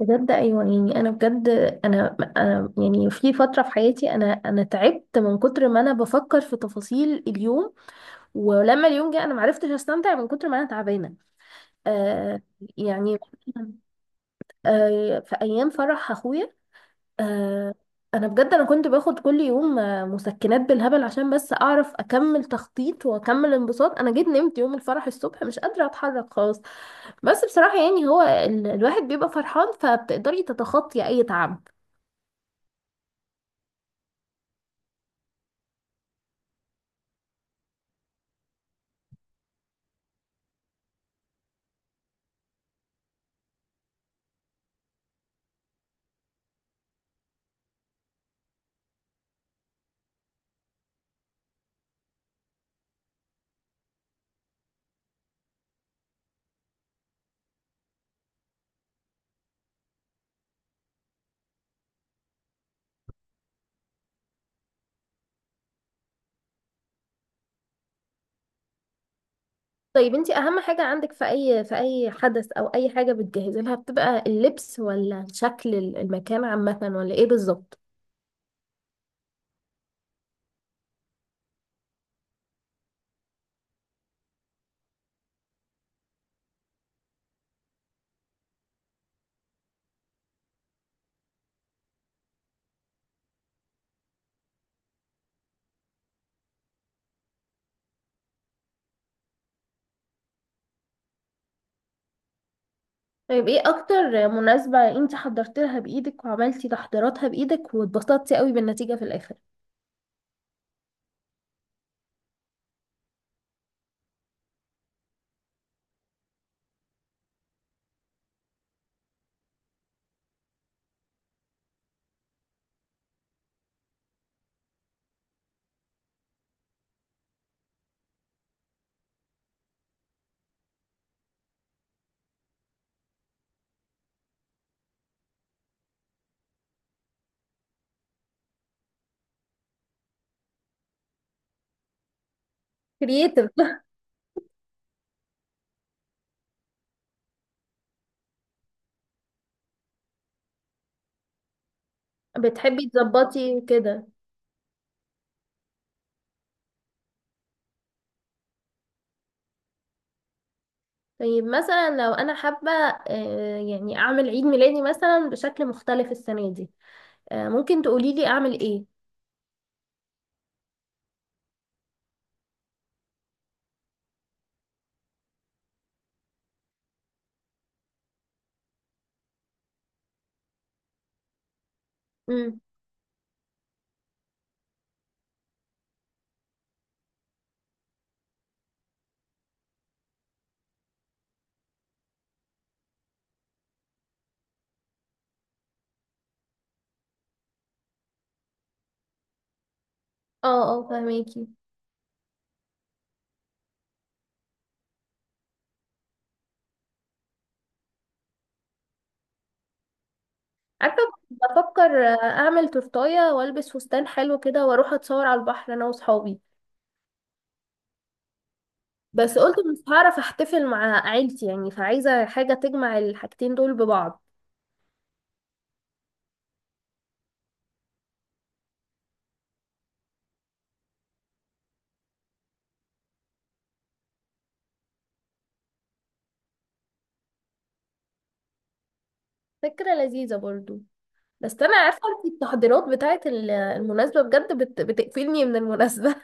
بجد، ايوه، يعني انا بجد. انا يعني في فتره في حياتي انا تعبت من كتر ما انا بفكر في تفاصيل اليوم، ولما اليوم جه انا معرفتش استمتع من كتر ما انا تعبانه. آه. يعني، في ايام فرح اخويا. آه. انا بجد انا كنت باخد كل يوم مسكنات بالهبل عشان بس اعرف اكمل تخطيط واكمل انبساط. انا جيت نمت يوم الفرح الصبح مش قادره اتحرك خالص. بس بصراحه يعني هو الواحد بيبقى فرحان، فبتقدري تتخطي اي تعب. طيب، انتي اهم حاجة عندك في اي، في اي حدث او اي حاجة بتجهزي لها بتبقى اللبس، ولا شكل المكان عامة، ولا ايه بالظبط؟ طيب، ايه اكتر مناسبة انتي حضرت لها بايدك وعملتي تحضيراتها بايدك واتبسطتي قوي بالنتيجة في الاخر؟ كرييتيف. بتحبي تظبطي كده؟ طيب مثلا لو انا حابة، يعني اعمل عيد ميلادي مثلا بشكل مختلف السنة دي، ممكن تقولي لي اعمل ايه؟ امم. اه، اه، فهميكي؟ عارفة، كنت بفكر أعمل تورتاية وألبس فستان حلو كده وأروح أتصور على البحر أنا وصحابي، بس قلت مش هعرف أحتفل مع عيلتي يعني، فعايزة حاجة تجمع الحاجتين دول ببعض. فكرة لذيذة برضو، بس أنا عارفة أنت التحضيرات بتاعة المناسبة بجد بتقفلني من المناسبة.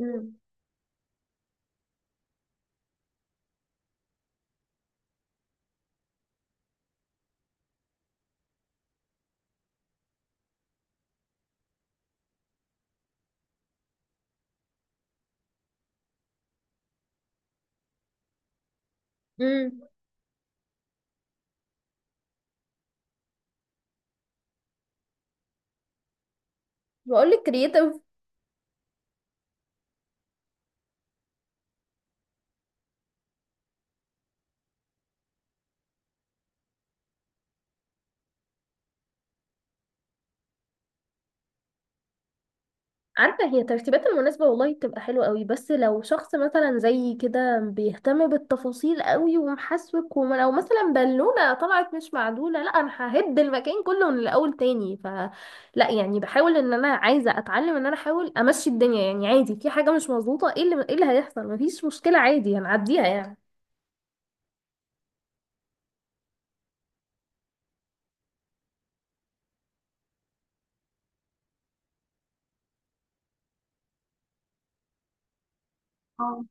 امم. امم. بقول لك كرييتيف. عارفة، هي ترتيبات المناسبة والله بتبقى حلوة قوي، بس لو شخص مثلا زي كده بيهتم بالتفاصيل قوي ومحسوك، وما لو مثلا بالونة طلعت مش معدولة، لا انا ههد المكان كله من الاول تاني. ف. لا، يعني بحاول ان انا عايزة اتعلم ان انا احاول امشي الدنيا يعني عادي، في حاجة مش مظبوطة، ايه اللي ايه اللي هيحصل، مفيش مشكلة عادي هنعديها يعني. اه.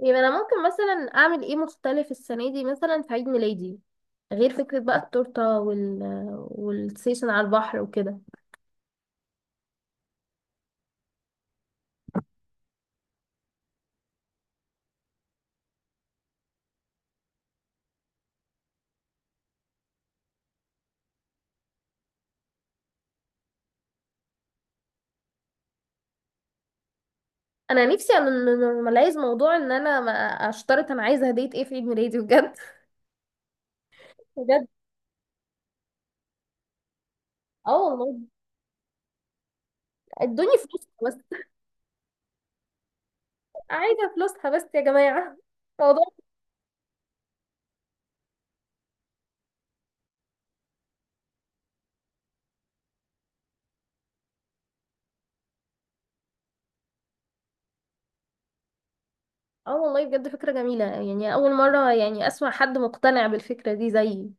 يبقى انا ممكن مثلا اعمل ايه مختلف السنة دي مثلا في عيد ميلادي، غير فكرة بقى التورتة والسيشن على البحر وكده؟ انا نفسي انورماليز موضوع ان انا ما اشترط انا عايزه هديه ايه في عيد ميلادي بجد. بجد. اه والله. ادوني فلوسها بس. عايزه فلوسها بس يا جماعه. موضوع. اه والله، بجد فكره جميله، يعني اول مره يعني اسمع حد مقتنع بالفكره دي زيي.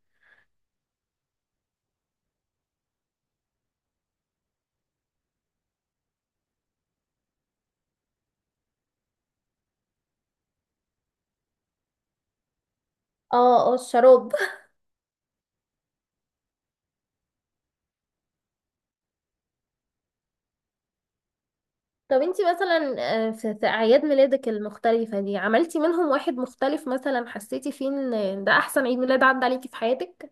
اه، اه، الشراب. طب انتي مثلا، في اعياد ميلادك المختلفه دي عملتي منهم واحد مختلف مثلا، حسيتي فيه ان ده احسن عيد ميلاد عدى عليكي في حياتك؟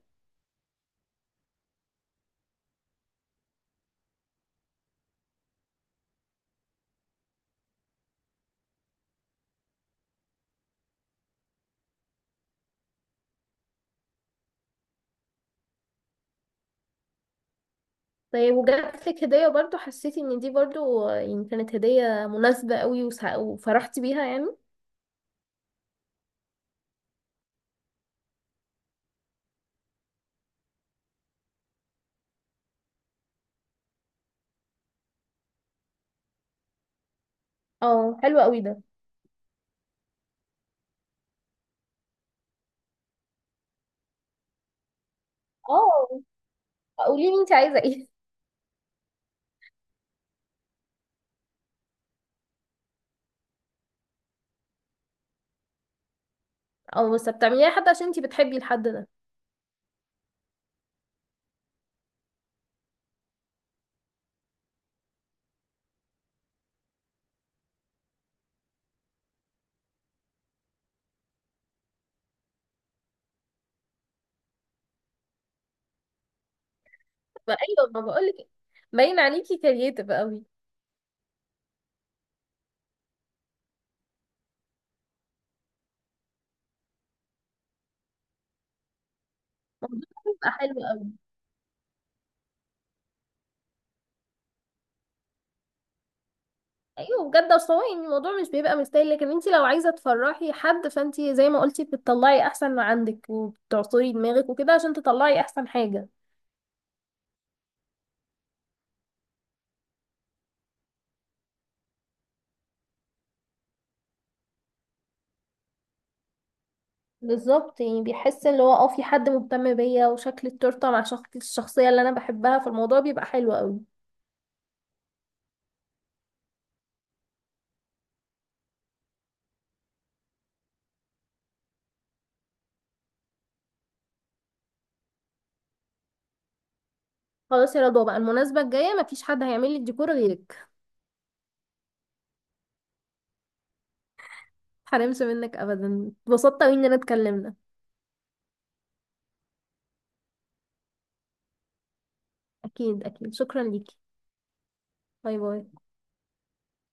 طيب وجات لك هدية برضو حسيتي ان دي برضو، يعني كانت هدية مناسبة قوي وفرحتي بيها يعني؟ اه، حلو قوي ده. اه، قولي لي انت عايزة ايه. اه، بس بتعمليها حد عشان انت بتحبي الحد ده. فايوه، ما بقولك باين عليكي كرييتيف قوي. الموضوع بيبقى حلو قوي. ايوه بجد، اصل هو يعني الموضوع مش بيبقى مستاهل، لكن انت لو عايزة تفرحي حد فانت زي ما قلتي بتطلعي احسن ما عندك وبتعصري دماغك وكده عشان تطلعي احسن حاجة. بالظبط، يعني بيحس اللي هو في حد مهتم بيا، وشكل التورته مع شخص الشخصيه اللي انا بحبها، فالموضوع بيبقى حلو قوي. خلاص يا رضوى، بقى المناسبه الجايه مفيش حد هيعمل لي الديكور غيرك. متحرمش منك ابدا، اتبسطت قوي اننا اتكلمنا. اكيد اكيد، شكرا ليكي. باي باي.